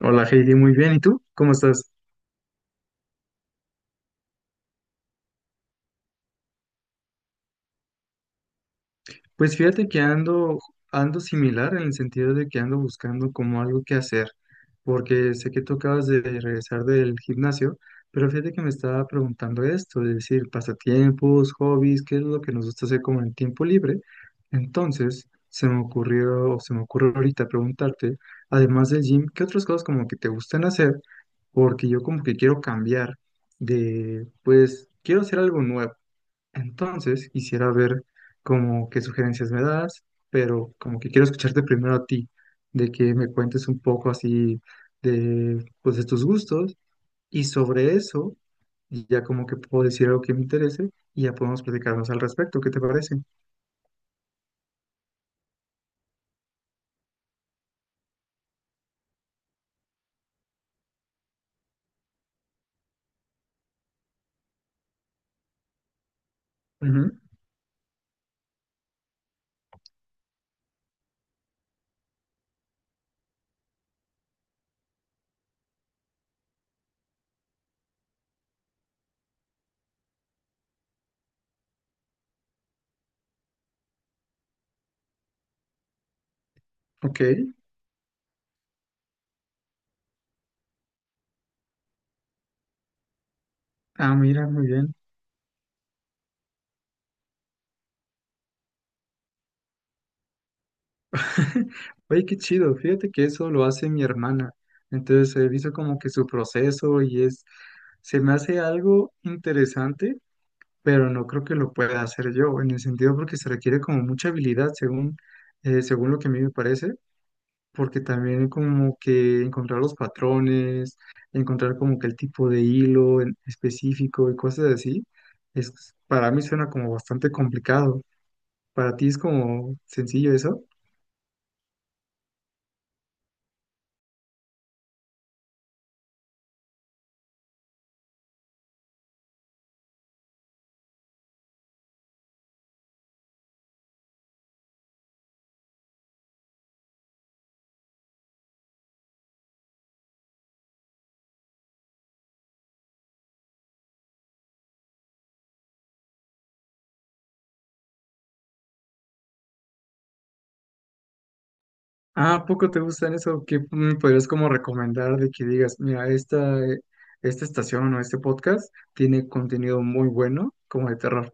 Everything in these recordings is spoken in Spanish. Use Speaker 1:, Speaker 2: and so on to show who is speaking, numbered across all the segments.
Speaker 1: Hola Heidi, muy bien. ¿Y tú? ¿Cómo estás? Pues fíjate que ando similar en el sentido de que ando buscando como algo que hacer, porque sé que tú acabas de regresar del gimnasio, pero fíjate que me estaba preguntando esto, es decir, pasatiempos, hobbies, qué es lo que nos gusta hacer como en tiempo libre. Entonces, se me ocurre ahorita preguntarte, además del gym, ¿qué otras cosas como que te gustan hacer? Porque yo como que quiero cambiar de, pues, quiero hacer algo nuevo. Entonces, quisiera ver como qué sugerencias me das, pero como que quiero escucharte primero a ti, de que me cuentes un poco así de, pues, de tus gustos y sobre eso, y ya como que puedo decir algo que me interese y ya podemos platicarnos al respecto, ¿qué te parece? Ujú. Ok. Ah, mira, muy bien. Oye, qué chido, fíjate que eso lo hace mi hermana. Entonces he visto como que su proceso y es, se me hace algo interesante pero no creo que lo pueda hacer yo, en el sentido porque se requiere como mucha habilidad según, según lo que a mí me parece, porque también como que encontrar los patrones, encontrar como que el tipo de hilo en específico y cosas así, es, para mí suena como bastante complicado. Para ti es como sencillo eso. Ah, ¿a poco te gustan eso? ¿Qué me podrías como recomendar de que digas, mira, esta estación o este podcast tiene contenido muy bueno como de terror?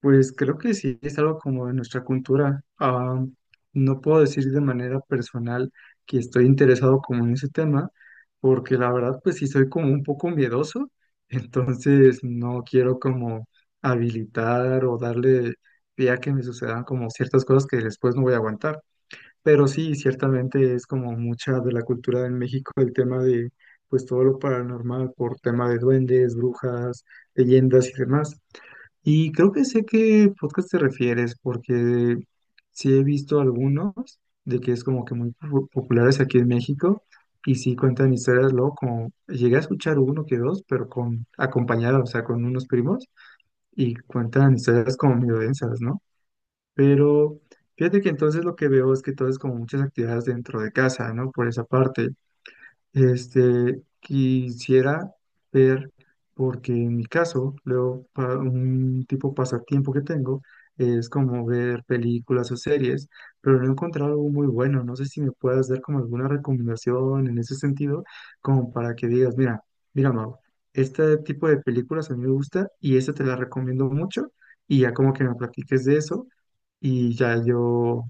Speaker 1: Pues creo que sí, es algo como de nuestra cultura. Ah, no puedo decir de manera personal que estoy interesado como en ese tema, porque la verdad pues sí soy como un poco miedoso, entonces no quiero como habilitar o darle pie a que me sucedan como ciertas cosas que después no voy a aguantar. Pero sí, ciertamente es como mucha de la cultura en México el tema de pues todo lo paranormal por tema de duendes, brujas, leyendas y demás. Y creo que sé qué podcast te refieres, porque sí he visto algunos de que es como que muy populares aquí en México y sí cuentan historias, luego como llegué a escuchar uno que dos, pero con acompañado, o sea, con unos primos y cuentan historias como medio densas, ¿no? Pero fíjate que entonces lo que veo es que todo es como muchas actividades dentro de casa, ¿no? Por esa parte. Este, quisiera ver, porque en mi caso, luego, un tipo pasatiempo que tengo es como ver películas o series, pero no he encontrado algo muy bueno. No sé si me puedas dar como alguna recomendación en ese sentido, como para que digas, mira, Mau, este tipo de películas a mí me gusta y esta te la recomiendo mucho, y ya como que me platiques de eso y ya yo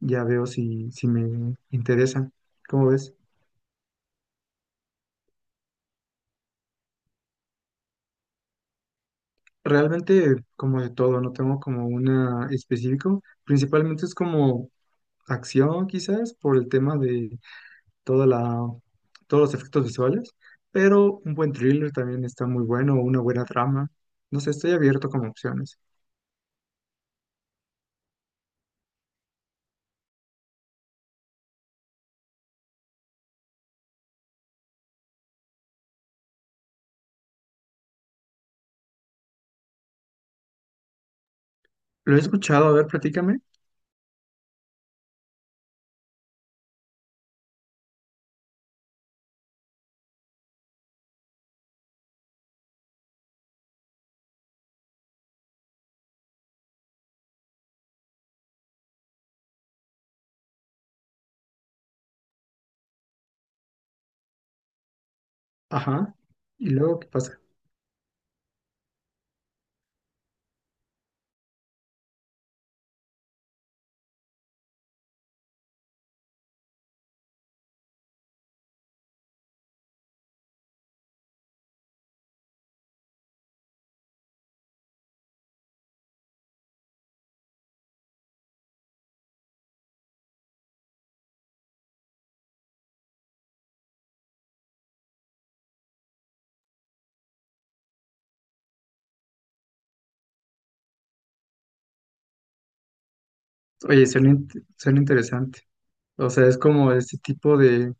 Speaker 1: ya veo si, si me interesa. ¿Cómo ves? Realmente como de todo, no tengo como una específico. Principalmente es como acción quizás por el tema de toda la, todos los efectos visuales, pero un buen thriller también está muy bueno, una buena trama. No sé, estoy abierto como opciones. Lo he escuchado, a ver, platícame. Ajá. ¿Y luego qué pasa? Oye, suena, suena interesante. O sea, es como ese tipo de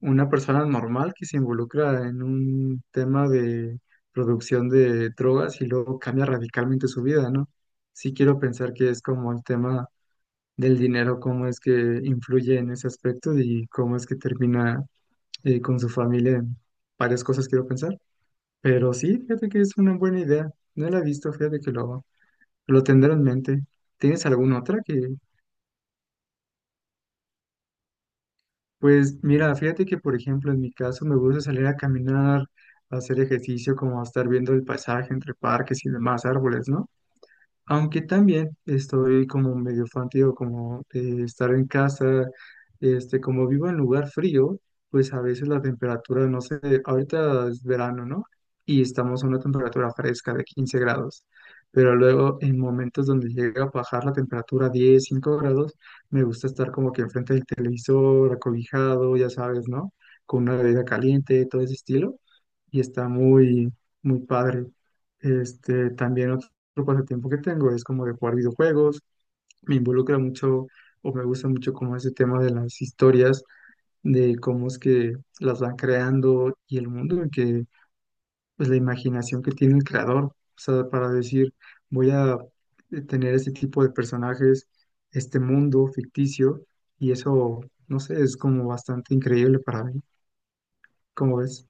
Speaker 1: una persona normal que se involucra en un tema de producción de drogas y luego cambia radicalmente su vida, ¿no? Sí quiero pensar que es como el tema del dinero, cómo es que influye en ese aspecto y cómo es que termina con su familia en varias cosas quiero pensar. Pero sí, fíjate que es una buena idea. No la he visto, fíjate que lo tendré en mente. ¿Tienes alguna otra que, Pues mira, fíjate que por ejemplo en mi caso me gusta salir a caminar, a hacer ejercicio, como a estar viendo el paisaje entre parques y demás árboles, ¿no? Aunque también estoy como medio fantío, como de estar en casa, este, como vivo en lugar frío, pues a veces la temperatura, no sé, ahorita es verano, ¿no? Y estamos a una temperatura fresca de 15 grados, pero luego en momentos donde llega a bajar la temperatura a 10, 5 grados, me gusta estar como que enfrente del televisor, acobijado, ya sabes, ¿no? Con una bebida caliente, todo ese estilo, y está muy, muy padre. Este, también el pasatiempo que tengo es como de jugar videojuegos, me involucra mucho o me gusta mucho como ese tema de las historias, de cómo es que las van creando y el mundo en que, pues la imaginación que tiene el creador, o sea, para decir, voy a tener este tipo de personajes, este mundo ficticio, y eso, no sé, es como bastante increíble para mí, ¿cómo ves?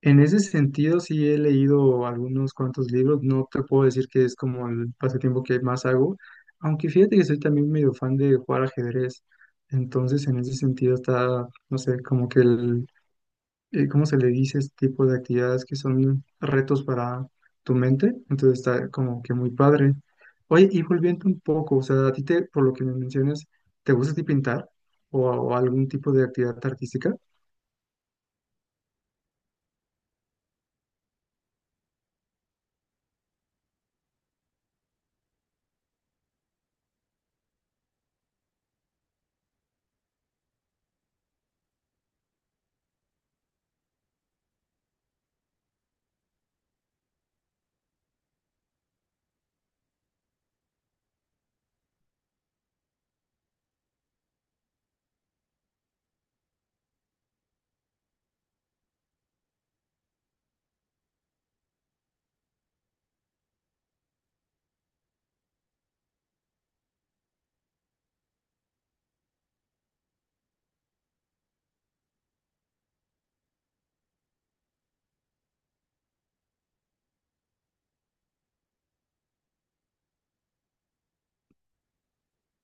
Speaker 1: En ese sentido, sí he leído algunos cuantos libros. No te puedo decir que es como el pasatiempo que más hago, aunque fíjate que soy también medio fan de jugar ajedrez. Entonces, en ese sentido está, no sé, como que el ¿cómo se le dice este tipo de actividades que son retos para tu mente? Entonces está como que muy padre. Oye, y volviendo un poco, o sea, a ti te, por lo que me mencionas, ¿te gusta a ti pintar o algún tipo de actividad artística?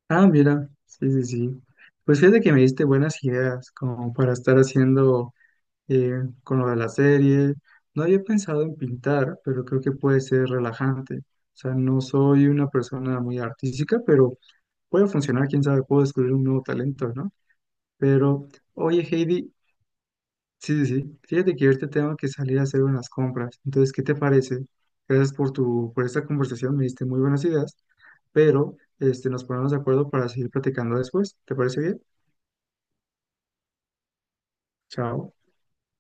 Speaker 1: Ah, mira, sí, sí, sí. Pues fíjate que me diste buenas ideas como para estar haciendo eh, con lo de la serie. No había pensado en pintar, pero creo que puede ser relajante. O sea, no soy una persona muy artística, pero puede funcionar, quién sabe, puedo descubrir un nuevo talento, ¿no? Pero, oye, Heidi, sí, sí, sí. Fíjate que ahorita tengo que salir a hacer unas compras. Entonces, ¿qué te parece? Gracias por por esta conversación, me diste muy buenas ideas, pero este, nos ponemos de acuerdo para seguir platicando después. ¿Te parece bien? Chao.